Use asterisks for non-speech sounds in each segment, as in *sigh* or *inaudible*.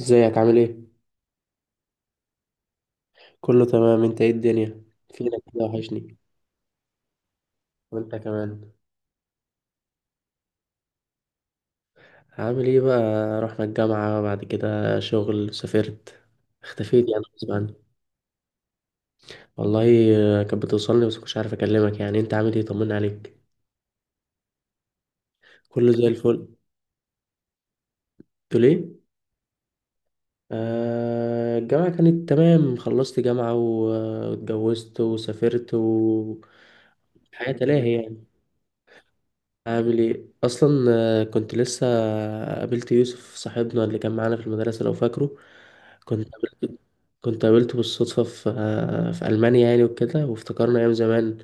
ازيك عامل ايه؟ كله تمام، انت ايه الدنيا؟ فينك كده، وحشني. وانت كمان. عامل ايه بقى؟ رحنا الجامعة، بعد كده شغل، سافرت، اختفيت يعني غصب عني. والله. كانت بتوصلني بس مش عارف اكلمك، يعني انت عامل ايه؟ طمنا عليك. كله زي الفل. قلت ليه؟ آه، الجامعة كانت تمام. خلصت جامعة واتجوزت وسافرت و الحياة تلاهي يعني. عامل ايه اصلا؟ كنت لسه قابلت يوسف صاحبنا اللي كان معانا في المدرسه، لو فاكره. كنت قابلت كنت قابلته بالصدفه في المانيا يعني وكده، وافتكرنا ايام زمان،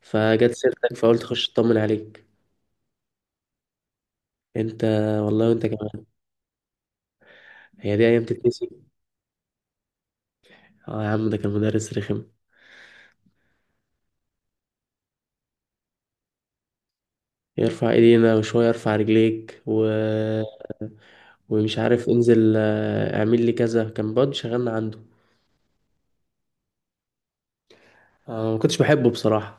فجت سيرتك فقلت اخش اطمن عليك. انت. والله وانت كمان. هي دي ايام تتنسي. اه يا عم، ده كان مدرس رخم. يرفع ايدينا وشويه يرفع رجليك و... ومش عارف انزل، اعمل لي كذا. كان برضه شغالنا عنده. ما كنتش بحبه بصراحه.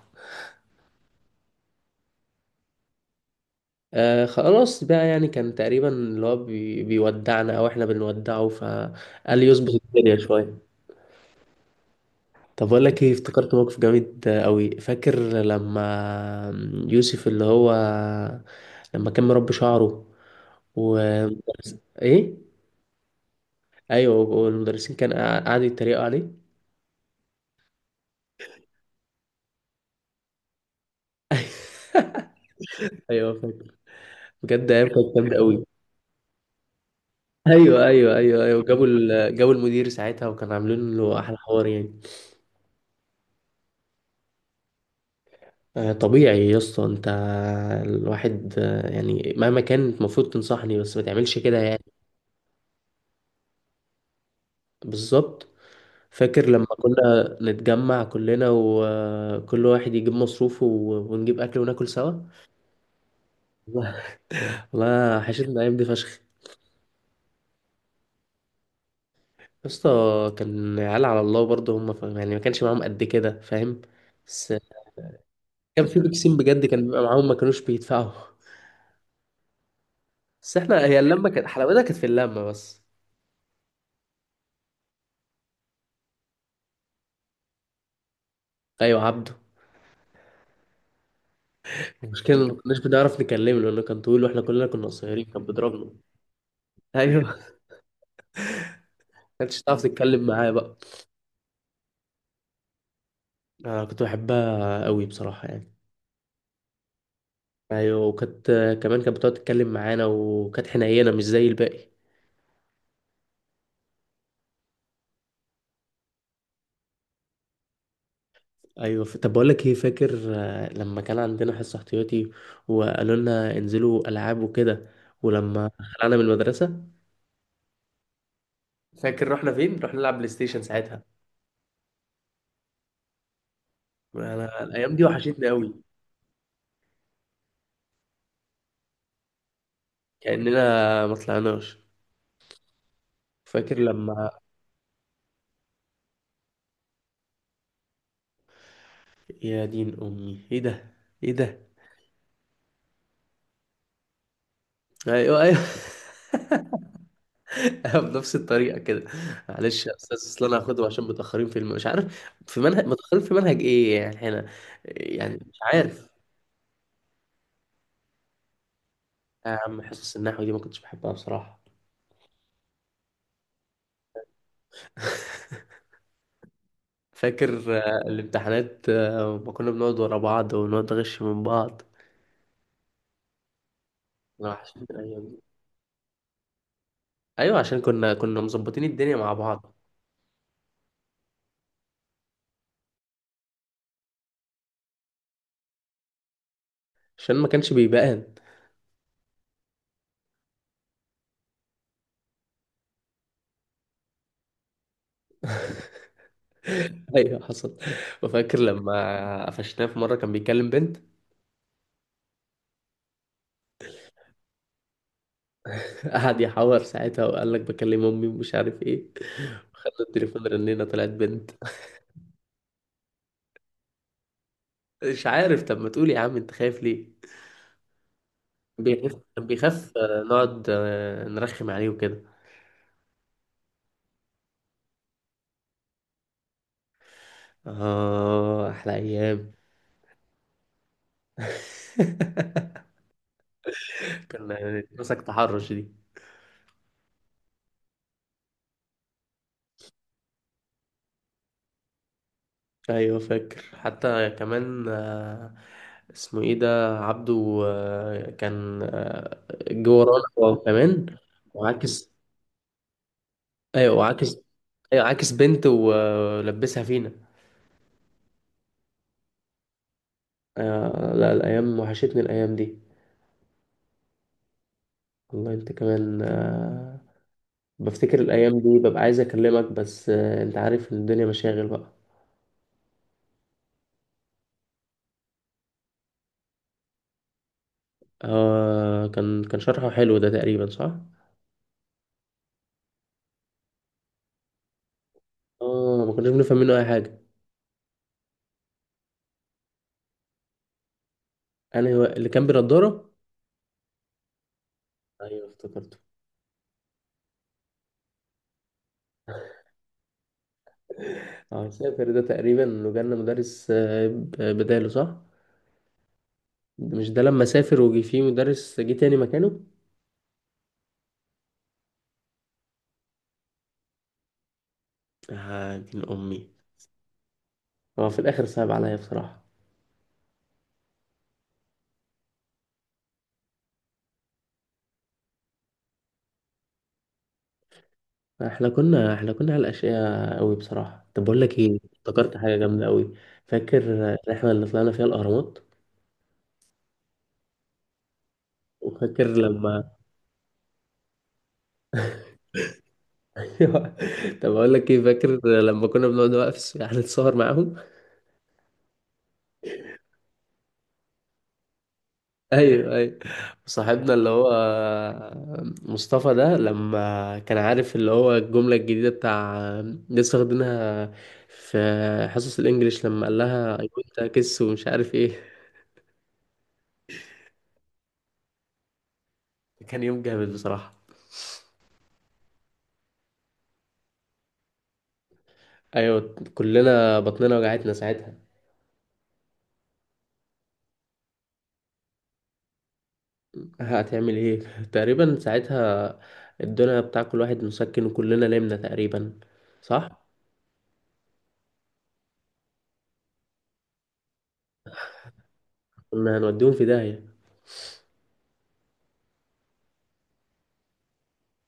آه خلاص بقى، يعني كان تقريبا اللي هو بيودعنا او احنا بنودعه، فقال يظبط الدنيا شويه. طب اقول لك ايه؟ افتكرت موقف جامد قوي. فاكر لما يوسف اللي هو لما كان مربي شعره و... ايه؟ ايوه، والمدرسين كان قعدوا يتريقوا عليه. *laughs* ايوه فاكر. بجد ايام كانت جامده قوي. ايوه ايوه ايوه ايوه، جابوا المدير ساعتها وكانوا عاملين له احلى حوار يعني. طبيعي يا اسطى. انت الواحد، يعني مهما كان المفروض تنصحني بس ما تعملش كده يعني. بالظبط. فاكر لما كنا نتجمع كلنا وكل واحد يجيب مصروفه ونجيب اكل وناكل سوا. *laughs* والله. والله حشتنا الايام دي فشخ يا اسطى. كان عيال على الله برضه، هم يعني ما كانش معاهم قد كده، فاهم. بس كان في بيكسين بجد كان بيبقى معاهم ما كانوش بيدفعوا. بس احنا، هي اللمه كانت حلاوتها، كانت في اللمه بس. ايوه عبده. المشكلة إن ما كناش بنعرف نكلمه لأنه كان طويل وإحنا كلنا كنا قصيرين. كان بيضربنا. ايوه، ما كانتش تعرف تتكلم معاه بقى. أنا كنت بحبها قوي بصراحة يعني. أيوة. وكانت كمان كانت بتقعد تتكلم معانا، وكانت حنينة مش زي الباقي. أيوة. طب بقول لك إيه؟ فاكر لما كان عندنا حصة احتياطي وقالوا لنا انزلوا ألعاب وكده، ولما خلعنا من المدرسة، فاكر رحنا فين؟ رحنا نلعب بلاي ستيشن ساعتها. أنا الأيام دي وحشتني قوي. كأننا ما طلعناش. فاكر لما... يا دين امي ايه ده، ايه ده. ايوه ايوه. *laughs* أنا بنفس الطريقه كده: معلش يا استاذ، اصل انا هاخده عشان متاخرين في مش عارف في منهج، متاخرين في منهج ايه يعني احنا؟ يعني مش عارف. يا عم حصص النحو دي ما كنتش بحبها بصراحه. فاكر الامتحانات، ما كنا بنقعد ورا بعض ونقعد نغش من بعض. أنا وحشتني الأيام دي. ايوه، عشان كنا مظبطين الدنيا مع بعض. عشان ما كانش بيبان. *laughs* *laughs* ايوه حصل. وفاكر لما قفشناه في مره كان بيكلم بنت. *laughs* قعد يحور ساعتها وقال لك بكلم امي ومش عارف ايه. خدنا التليفون، رنينا، طلعت بنت. مش عارف. طب ما تقول يا عم، انت خايف ليه؟ بيخاف كان بيخاف نقعد نرخم عليه وكده. اه احلى ايام. *laughs* كان مسك تحرش دي. ايوه فاكر. حتى كمان اسمه ايه ده؟ عبده. كان جوه ورانا هو كمان، وعاكس. ايوه وعاكس، ايوه عاكس بنت ولبسها فينا. لا، الايام وحشتني الايام دي. والله انت كمان. بفتكر الايام دي ببقى عايز اكلمك، بس انت عارف ان الدنيا مشاغل بقى. آه كان شرحه حلو. ده تقريبا صح. اه، ما كناش بنفهم منه اي حاجه. انا هو اللي كان بنضاره. ايوه افتكرته. اه سافر، ده تقريبا لو جالنا مدرس بداله صح؟ مش ده لما سافر وجي فيه مدرس، جه تاني مكانه. آه دين امي، هو في الاخر صعب عليا بصراحه. احنا كنا على الاشياء قوي بصراحه. طب بقول لك ايه؟ افتكرت حاجه جامده قوي. فاكر الرحله اللي طلعنا فيها الاهرامات؟ وفاكر لما... *laughs* طب اقول لك ايه، فاكر لما كنا بنقعد بقى في يعني نتصور معاهم؟ ايوه ايوه. صاحبنا اللي هو مصطفى ده، لما كان عارف اللي هو الجملة الجديدة بتاع لسه واخدينها في حصص الانجليش، لما قال لها اي ونت كيس ومش عارف ايه. كان يوم جامد بصراحة. ايوه، كلنا بطننا وجعتنا ساعتها. هتعمل ايه؟ *laughs* تقريبا ساعتها ادونا بتاع كل واحد مسكن وكلنا نمنا تقريبا، صح؟ كنا هنوديهم في داهية.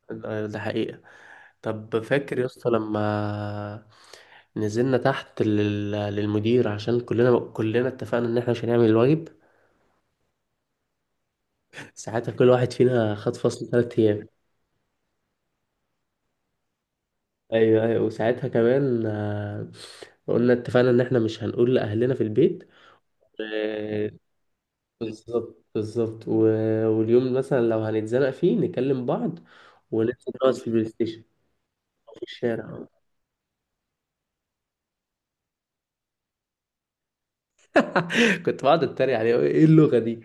ده حقيقة. طب فاكر يا اسطى لما نزلنا تحت للمدير عشان كلنا اتفقنا ان احنا مش هنعمل الواجب؟ ساعتها كل واحد فينا خد فصل 3 ايام. ايوه ايوه، وساعتها كمان قلنا اتفقنا ان احنا مش هنقول لاهلنا في البيت. آه، بالظبط بالظبط. واليوم مثلا لو هنتزنق فيه نكلم بعض، وننزل نقعد في البلاي ستيشن أو في الشارع. *laughs* كنت بقعد اتريق عليه، ايه اللغة دي.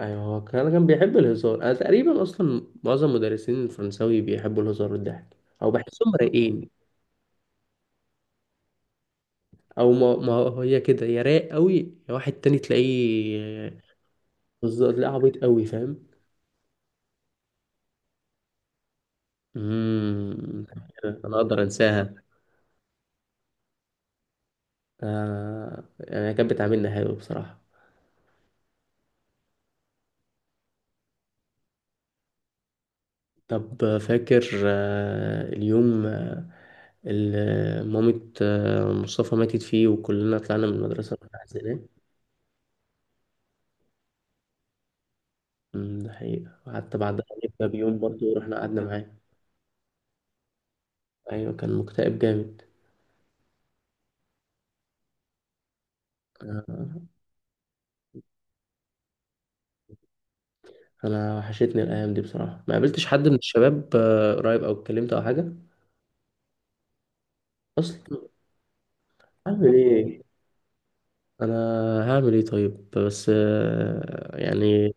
ايوه، هو كان بيحب الهزار. انا تقريبا اصلا معظم مدرسين الفرنساوي بيحبوا الهزار والضحك، او بحسهم رايقين، او ما هي كده. يا رايق قوي يا واحد تاني تلاقيه. بالظبط، تلاقيه عبيط قوي، فاهم. امم، انا اقدر انساها. يعني كانت بتعاملنا حلو بصراحه. طب فاكر اليوم اللي مامة مصطفى ماتت فيه، وكلنا طلعنا من المدرسه وإحنا حزينين. ده حقيقة. وحتى بعدها جبنا بيوم برضه ورحنا قعدنا معاه. أيوة كان مكتئب جامد. آه، أنا وحشتني الأيام دي بصراحة. ما قابلتش حد من الشباب قريب، أو اتكلمت، أو حاجة أصلا. هعمل إيه؟ أنا هعمل إيه؟ طيب، بس يعني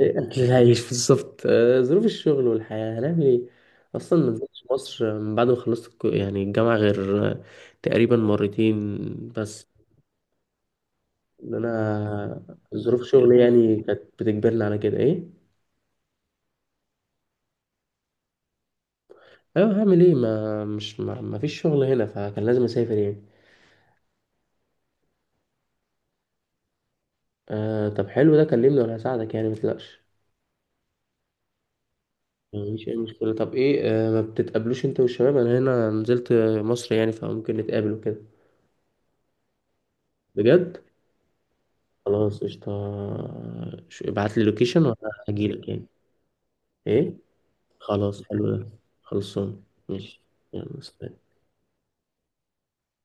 أكل العيش. *laughs* بالظبط ظروف الشغل والحياة هنعمل إيه؟ أصلا ما نزلتش مصر من بعد ما خلصت يعني الجامعة غير تقريبا مرتين بس. انا ظروف شغلي يعني كانت بتجبرني على كده. ايه، ايوه. هعمل ايه؟ ما مش ما, ما فيش شغل هنا، فكان لازم اسافر يعني. آه طب حلو ده، كلمني وانا هساعدك، يعني متقلقش. مفيش اي مشكله. طب ايه، آه ما بتتقابلوش انت والشباب؟ انا هنا نزلت مصر يعني، فممكن نتقابل وكده. بجد. خلاص قشطه. ابعت لي لوكيشن وانا هجيلك يعني. ايه، خلاص حلو ده. خلصان ماشي. يلا سلام.